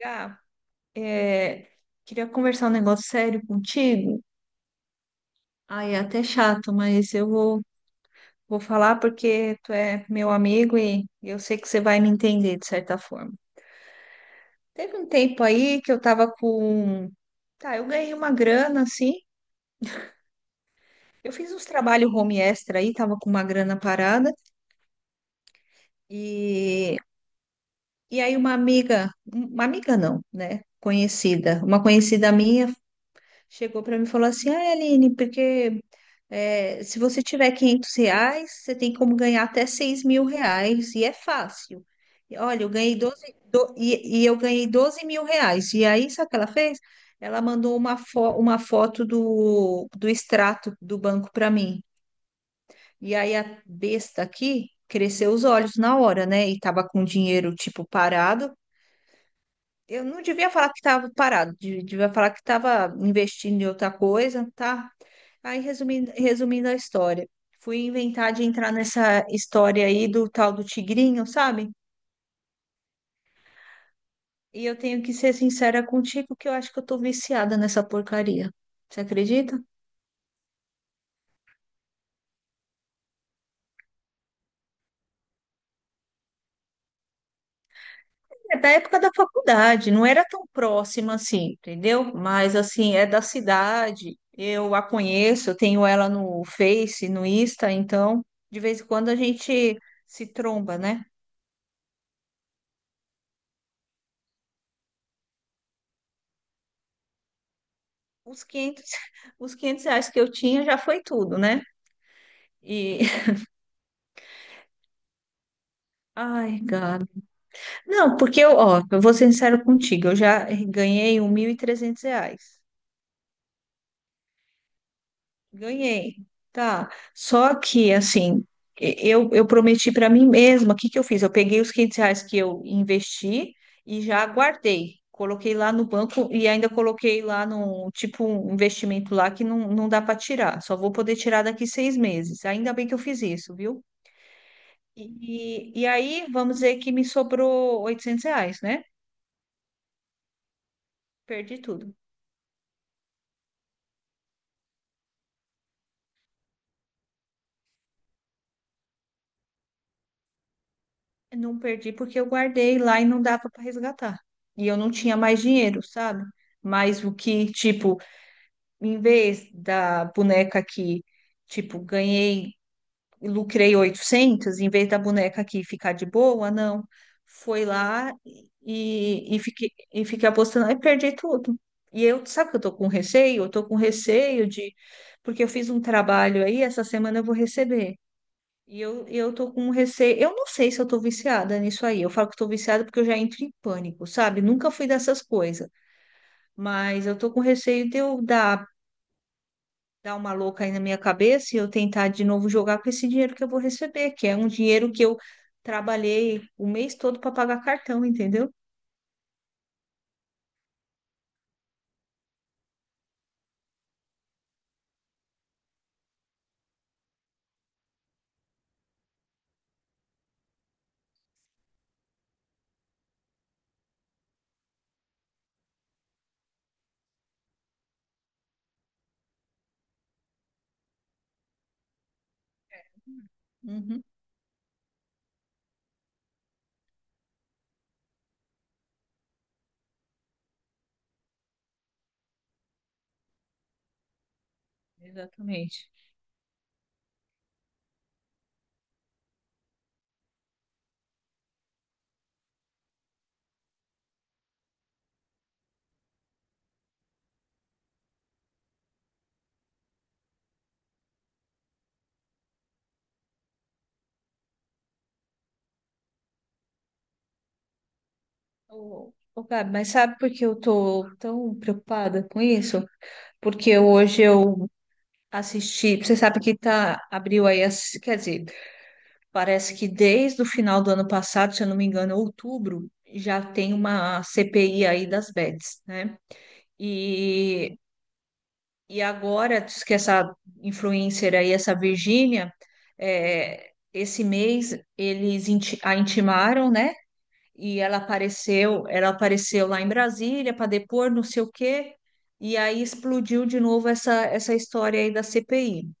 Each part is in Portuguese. Gá, é, queria conversar um negócio sério contigo. Ai, é até chato, mas eu vou falar porque tu é meu amigo e eu sei que você vai me entender de certa forma. Teve um tempo aí que eu tava com. Tá, eu ganhei uma grana, assim. Eu fiz uns trabalhos home extra aí, tava com uma grana parada. E, e aí uma amiga não, né? Conhecida, uma conhecida minha chegou para mim e falou assim: Ah, Aline, porque se você tiver 500 reais, você tem como ganhar até 6 mil reais e é fácil. E olha, eu ganhei e eu ganhei 12 mil reais. E aí, sabe o que ela fez? Ela mandou uma foto do extrato do banco para mim. E aí a besta aqui cresceu os olhos na hora, né? E tava com o dinheiro tipo parado. Eu não devia falar que estava parado, devia falar que estava investindo em outra coisa, tá? Aí, resumindo, resumindo a história, fui inventar de entrar nessa história aí do tal do tigrinho, sabe? E eu tenho que ser sincera contigo que eu acho que eu tô viciada nessa porcaria. Você acredita? É da época da faculdade, não era tão próxima assim, entendeu? Mas assim, é da cidade, eu a conheço, eu tenho ela no Face, no Insta, então de vez em quando a gente se tromba, né? os 500 os 500 reais que eu tinha já foi tudo, né? E, Ai, Gabi. Não, porque eu, ó, eu vou ser sincero contigo, eu já ganhei 1.300 reais. Ganhei, tá? Só que, assim, eu prometi para mim mesma, o que que eu fiz? Eu peguei os 500 reais que eu investi e já guardei. Coloquei lá no banco e ainda coloquei lá no, tipo, um investimento lá que não dá para tirar. Só vou poder tirar daqui 6 meses. Ainda bem que eu fiz isso, viu? E aí, vamos dizer que me sobrou 800 reais, né? Perdi tudo. Não perdi porque eu guardei lá e não dava para resgatar. E eu não tinha mais dinheiro, sabe? Mas o que, tipo, em vez da boneca que, tipo, ganhei lucrei 800, em vez da boneca aqui ficar de boa, não. Foi lá e fiquei apostando e perdi tudo. E eu, sabe que eu tô com receio? Eu tô com receio de. Porque eu fiz um trabalho aí, essa semana eu vou receber. E eu tô com um receio. Eu não sei se eu tô viciada nisso aí. Eu falo que tô viciada porque eu já entro em pânico, sabe? Nunca fui dessas coisas. Mas eu tô com receio de eu dar uma louca aí na minha cabeça e eu tentar de novo jogar com esse dinheiro que eu vou receber, que é um dinheiro que eu trabalhei o mês todo para pagar cartão, entendeu? Uhum, exatamente. Ô, ô, Gabi, mas sabe por que eu tô tão preocupada com isso? Porque hoje eu assisti, você sabe que tá, abriu aí, as, quer dizer, parece que desde o final do ano passado, se eu não me engano, outubro, já tem uma CPI aí das bets, né? E E agora, diz que essa influencer aí, essa Virgínia, é, esse mês eles a intimaram, né? E ela apareceu lá em Brasília para depor, não sei o quê, e aí explodiu de novo essa história aí da CPI.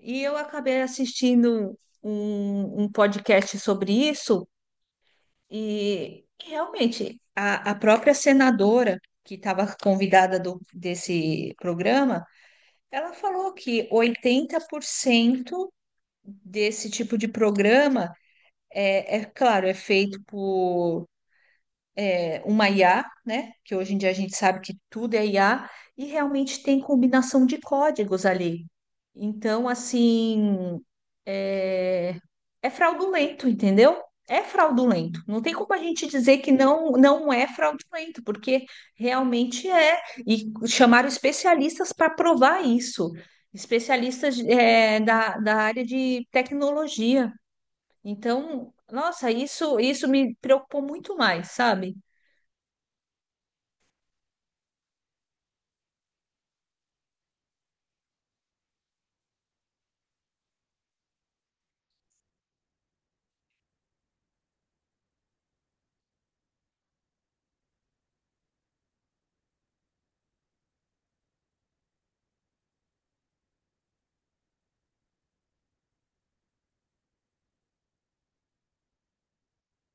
E eu acabei assistindo um podcast sobre isso, e realmente a própria senadora que estava convidada do, desse programa ela falou que 80% desse tipo de programa é claro, é feito por uma IA, né? Que hoje em dia a gente sabe que tudo é IA, e realmente tem combinação de códigos ali. Então, assim, é, é fraudulento, entendeu? É fraudulento. Não tem como a gente dizer que não, não é fraudulento, porque realmente é. E chamaram especialistas para provar isso, especialistas da área de tecnologia. Então, nossa, isso me preocupou muito mais, sabe?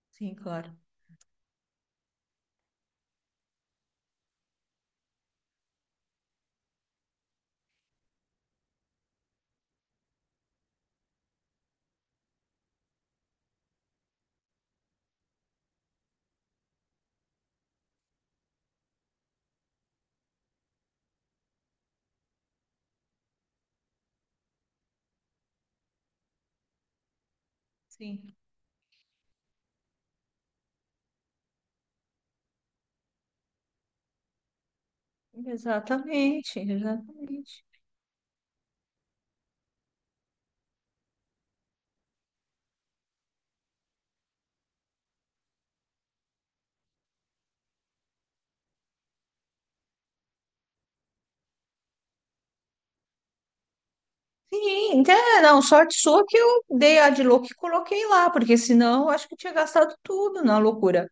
Sim, claro. Sim. Exatamente, exatamente. Sim, então, não, sorte sua que eu dei a de louco e coloquei lá, porque senão eu acho que tinha gastado tudo na loucura.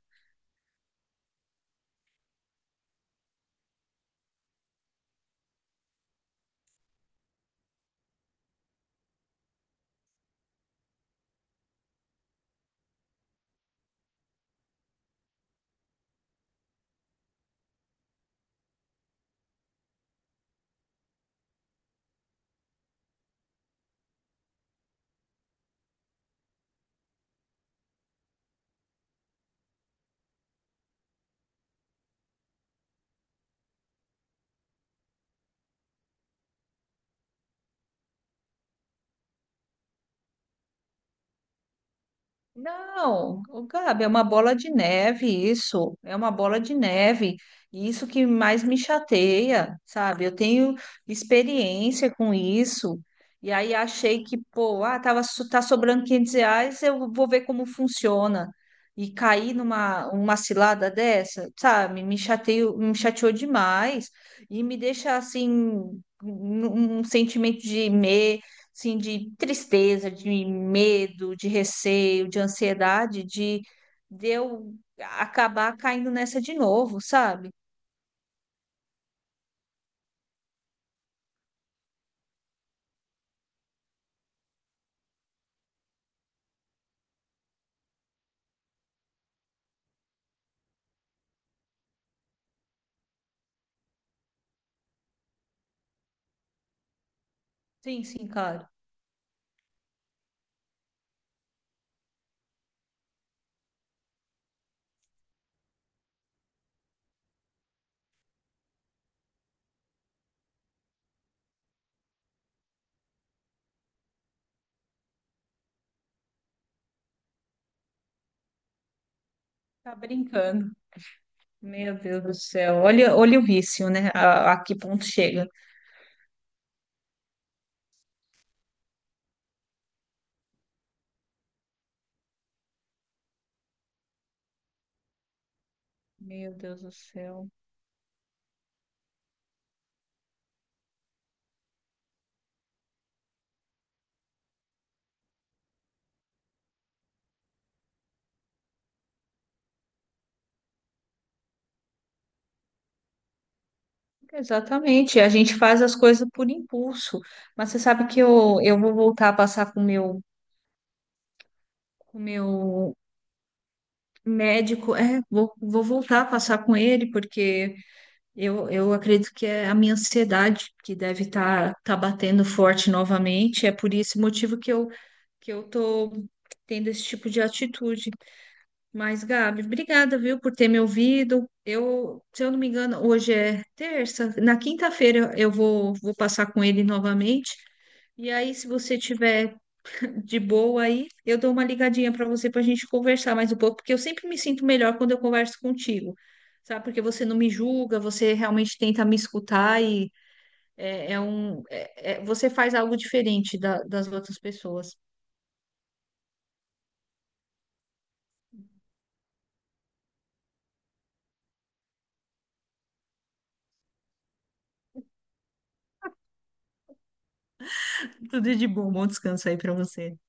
Não, ô, Gabi, é uma bola de neve isso, é uma bola de neve. E isso que mais me chateia, sabe? Eu tenho experiência com isso. E aí achei que, pô, ah, tava, tá sobrando 500 reais, eu vou ver como funciona. E cair numa uma cilada dessa, sabe? Me chateio, me chateou demais e me deixa assim um sentimento de assim, de tristeza, de medo, de receio, de ansiedade, de eu acabar caindo nessa de novo, sabe? Sim, sim, claro. Tá brincando. Meu Deus do céu. Olha, olha o vício, né? A que ponto chega. Meu Deus do céu. Exatamente. A gente faz as coisas por impulso. Mas você sabe que eu vou voltar a passar com o meu médico. É, vou voltar a passar com ele, porque eu acredito que é a minha ansiedade que deve estar tá batendo forte novamente. É por esse motivo que eu tô tendo esse tipo de atitude. Mas, Gabi, obrigada, viu, por ter me ouvido. Eu, se eu não me engano, hoje é terça. Na quinta-feira eu vou passar com ele novamente. E aí, se você tiver de boa aí, eu dou uma ligadinha para você para a gente conversar mais um pouco, porque eu sempre me sinto melhor quando eu converso contigo, sabe? Porque você não me julga, você realmente tenta me escutar e você faz algo diferente das outras pessoas. Tudo de bom, bom descanso aí para você.